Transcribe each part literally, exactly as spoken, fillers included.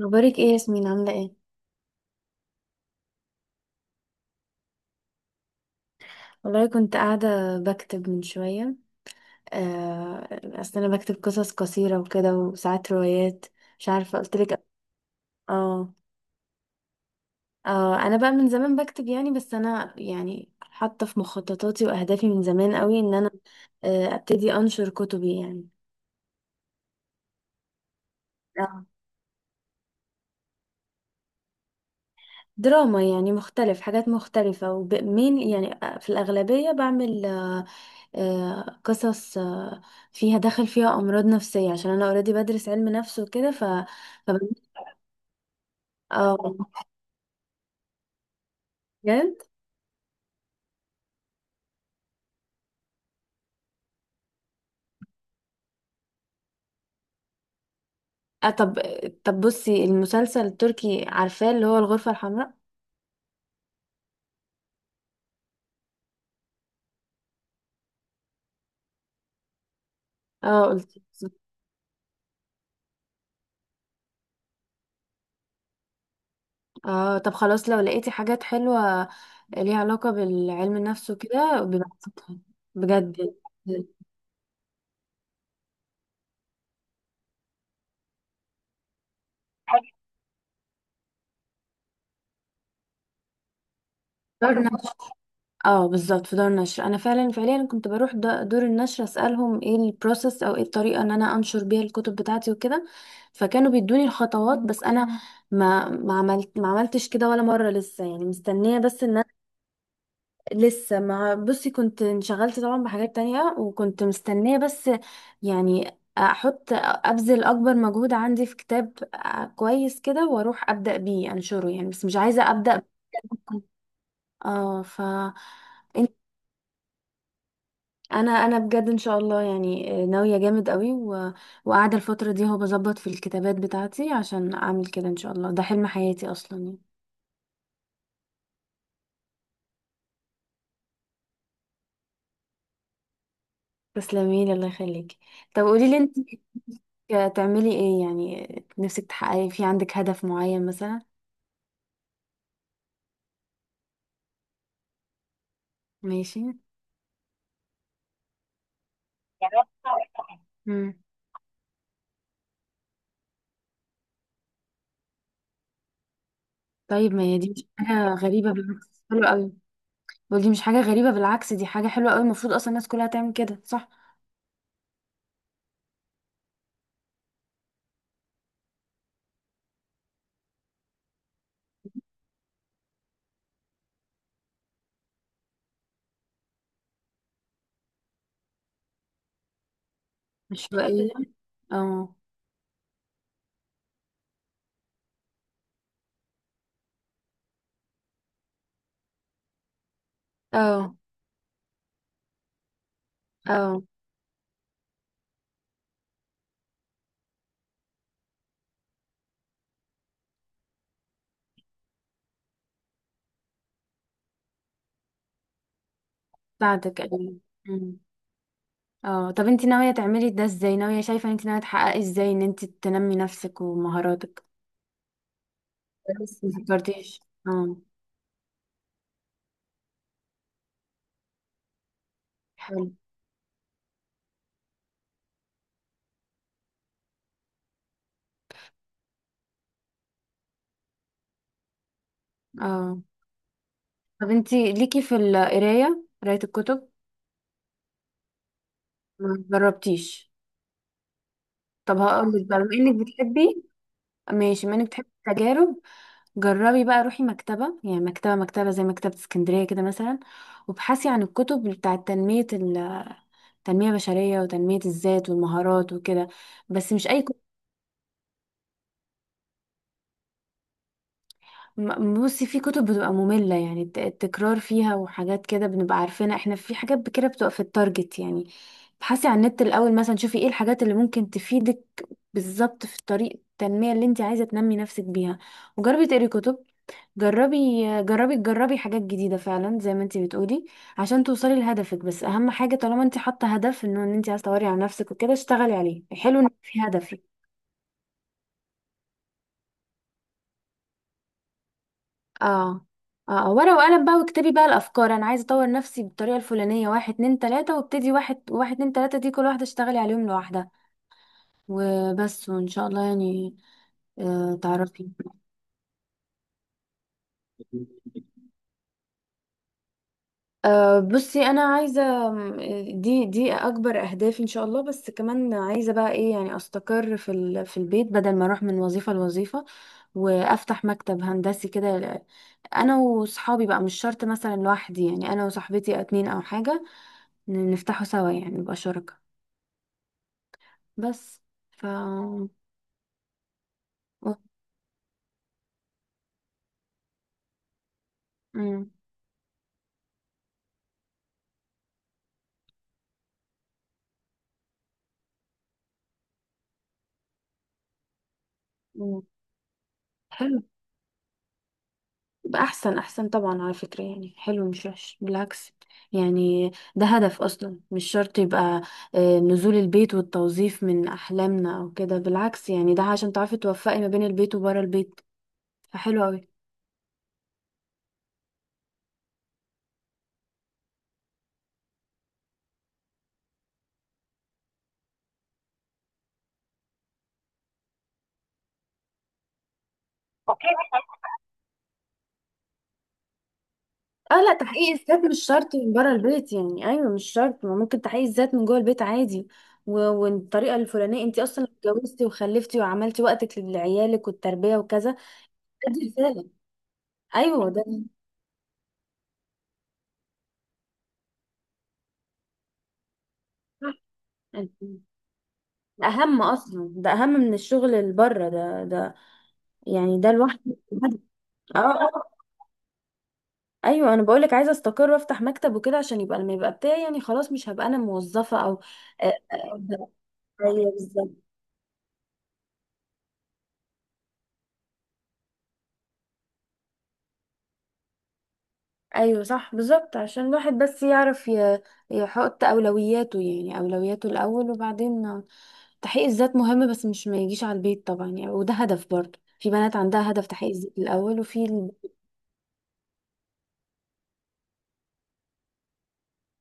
اخبارك ايه يا ياسمين، عامله ايه؟ والله كنت قاعده بكتب من شويه. آه، اصل انا بكتب قصص قصيره وكده، وساعات روايات. مش عارفه قلت لك. اه. اه انا بقى من زمان بكتب يعني، بس انا يعني حاطه في مخططاتي واهدافي من زمان قوي ان انا آه، ابتدي انشر كتبي يعني. آه. دراما يعني، مختلف حاجات مختلفه، ومين يعني آه، في الاغلبيه بعمل آه، قصص آه، فيها دخل، فيها امراض نفسيه، عشان انا اوريدي بدرس علم نفس وكده. ف ف- اه. بجد. آه، طب طب بصي المسلسل التركي، عارفاه اللي هو الغرفه الحمراء. اه قلت. اه طب خلاص، لو لقيتي حاجات حلوه ليها علاقه بالعلم النفس وكده ببعتيها. بجد. اه بالظبط، في دار النشر انا فعلا فعليا كنت بروح دا- دور النشر، اسالهم ايه البروسيس او ايه الطريقه ان انا انشر بيها الكتب بتاعتي وكده. فكانوا بيدوني الخطوات. بس انا ما ما عملت ما عملتش كده ولا مره لسه، يعني مستنيه، بس ان انا لسه ما بصي، كنت انشغلت طبعا بحاجات تانية، وكنت مستنيه، بس يعني احط ابذل اكبر مجهود عندي في كتاب آه، كويس كده، واروح ابدا بيه انشره يعني. بس مش عايزه ابدا. ب- اه. ف انا انا بجد ان شاء الله، يعني ناويه جامد قوي و... وقاعده الفتره دي هو بظبط في الكتابات بتاعتي عشان اعمل كده، ان شاء الله ده حلم حياتي اصلا يعني. تسلمي لي، الله يخليكي. طب قولي لي انت تعملي ايه، يعني نفسك تحققي، في عندك هدف معين مثلا؟ ماشي. مم. طيب ما هي دي مش حاجه غريبه، بالعكس حلوه قوي. ودي مش حاجه غريبه، بالعكس دي حاجه حلوه قوي، المفروض اصلا الناس كلها تعمل كده، صح؟ مش بقى. اه. اه. اه بتاعتك، ايوه. مم. اه طب انت ناوية تعملي ده ازاي؟ ناوية، شايفة ان انت ناوية تحققي ازاي ان انت تنمي نفسك ومهاراتك؟ بس ما فكرتيش. اه. حلو. اه طب انت ليكي في القراية، قراية الكتب؟ ما جربتيش. طب هقولك بقى، بما انك بتحبي. ماشي، بما انك بتحبي التجارب، جربي بقى روحي مكتبة، يعني مكتبة مكتبة زي مكتبة اسكندرية كده مثلا، وابحثي عن الكتب بتاعة تنمية ال- التنمية البشرية، وتنمية الذات والمهارات وكده. بس مش اي كتب. م- بصي، في كتب بتبقى مملة يعني، الت- التكرار فيها وحاجات كده بنبقى عارفينها احنا، في حاجات ب- كده بتبقى في التارجت يعني. ابحثي عن النت الأول مثلا، شوفي ايه الحاجات اللي ممكن تفيدك بالظبط في طريق التنمية اللي انت عايزة تنمي نفسك بيها، وجربي تقري كتب. جربي. جربي تجربي حاجات جديدة فعلا زي ما انت بتقولي عشان توصلي لهدفك. بس أهم حاجة، طالما انت حاطة هدف انه ان انت عايزة تطوري على نفسك وكده، اشتغلي عليه. حلو ان في هدف. اه. اه. آه، ورقة وقلم بقى، واكتبي بقى الافكار: انا عايزة اطور نفسي بالطريقة الفلانية، واحد اتنين تلاتة، وابتدي واحد واحد اتنين تلاتة، دي كل واحدة اشتغلي عليهم لوحدها. وبس، وان شاء الله يعني. آه تعرفي. آه بصي انا عايزة م- آه، دي دي اكبر اهدافي ان شاء الله، بس كمان عايزة بقى ايه، يعني استقر في ال في البيت بدل ما اروح من وظيفة لوظيفة، وافتح مكتب هندسي كده انا وصحابي بقى، مش شرط مثلا لوحدي، يعني انا وصاحبتي اتنين او حاجة ن- نفتحه سوا، يعني نبقى شركاء. بس. ف و- مم. مم. حلو. يبقى احسن احسن طبعا على فكرة، يعني حلو مش وحش بالعكس، يعني ده هدف اصلا، مش شرط يبقى آه، نزول البيت والتوظيف من احلامنا او كده، بالعكس يعني ده عشان تعرفي توفقي ما بين البيت وبره البيت، فحلو قوي. اه لا، تحقيق الذات مش شرط من بره البيت، يعني ايوه مش شرط، ما ممكن تحقيق الذات من جوه البيت عادي. و- والطريقه الفلانيه، انت اصلا لو اتجوزتي وخلفتي وعملتي وقتك لعيالك والتربيه وكذا، دي رساله. ايوه ده صح. انت- اهم، اصلا ده اهم من الشغل اللي بره، ده ده يعني ده لوحده هدف. اه. آه. ايوه انا بقولك، عايزه استقر وافتح مكتب وكده عشان يبقى، لما يبقى بتاعي يعني، خلاص مش هبقى انا موظفه او آه، آه، ايوه بالظبط. ايوه صح بالظبط، عشان الواحد بس يعرف ي- يحط اولوياته، يعني اولوياته الاول وبعدين تحقيق الذات. مهم، بس مش ما يجيش على البيت طبعا يعني، وده هدف برضه، في بنات عندها هدف تحقيق الذات الاول. وفي ال...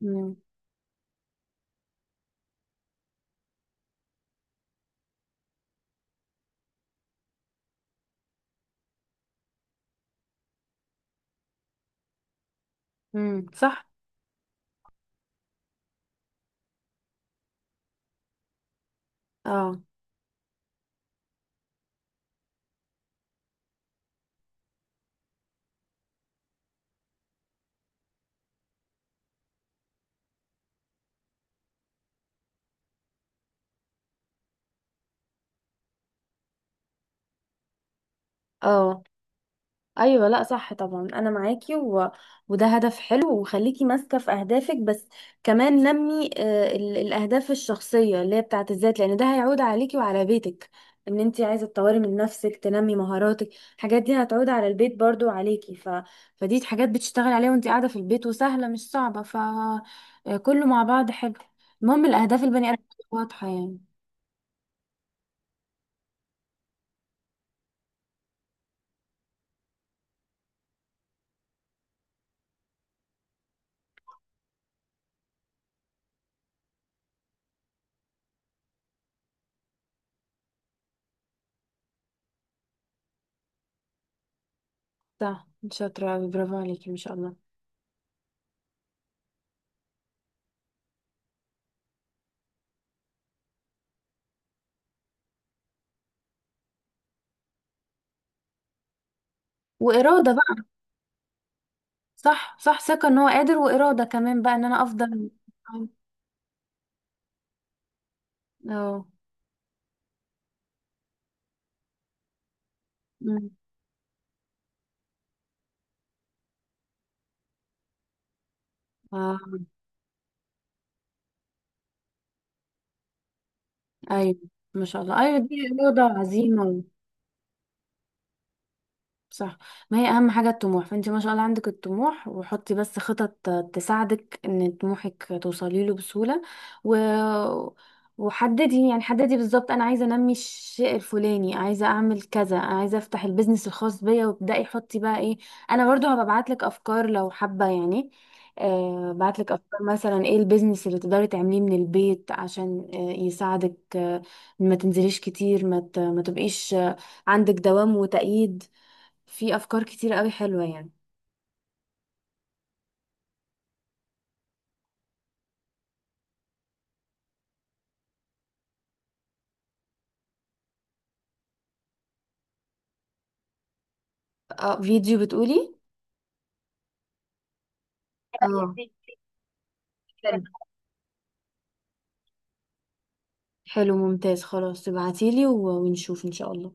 مم. مم. صح. اه. اه. ايوه لا صح طبعا، انا معاكي، و... وده هدف حلو، وخليكي ماسكه في اهدافك، بس كمان نمي آه، ال... الاهداف الشخصيه اللي هي بتاعت الذات، لان ده هيعود عليكي وعلى بيتك، ان انت عايزه تطوري من نفسك تنمي مهاراتك، الحاجات دي هتعود على البيت برضو وعليكي. ف... فدي حاجات بتشتغل عليها وانت قاعده في البيت، وسهله مش صعبه. ف آه، كله مع بعض حلو. المهم الاهداف البني ادم واضحه يعني. صح، شاطره أوي، برافو عليكي ما شاء الله. واراده بقى. صح، صح، ثقة ان هو قادر، وإرادة كمان بقى ان انا افضل. اه. أمم. اه. ايوه ما شاء الله. ايوه دي إرادة وعزيمة. صح. ما هي اهم حاجة الطموح، فانت ما شاء الله عندك الطموح، وحطي بس خطط تساعدك ان طموحك توصلي له بسهولة. و... وحددي يعني، حددي بالظبط: انا عايزة انمي الشيء الفلاني، عايزة اعمل كذا، عايزة افتح البيزنس الخاص بيا، وابدأي حطي بقى ايه. انا برضو هبقى ابعتلك افكار لو حابة يعني، آه، بعتلك افكار مثلا ايه البيزنس اللي تقدري تعمليه من البيت عشان آه، يساعدك آه، ما تنزليش كتير، ما ت- ما تبقيش آه، عندك دوام وتأييد. في افكار كتير قوي حلوه يعني. اه، فيديو بتقولي؟ اه حلو. حلو ممتاز، خلاص تبعتيلي و- ونشوف ان شاء الله.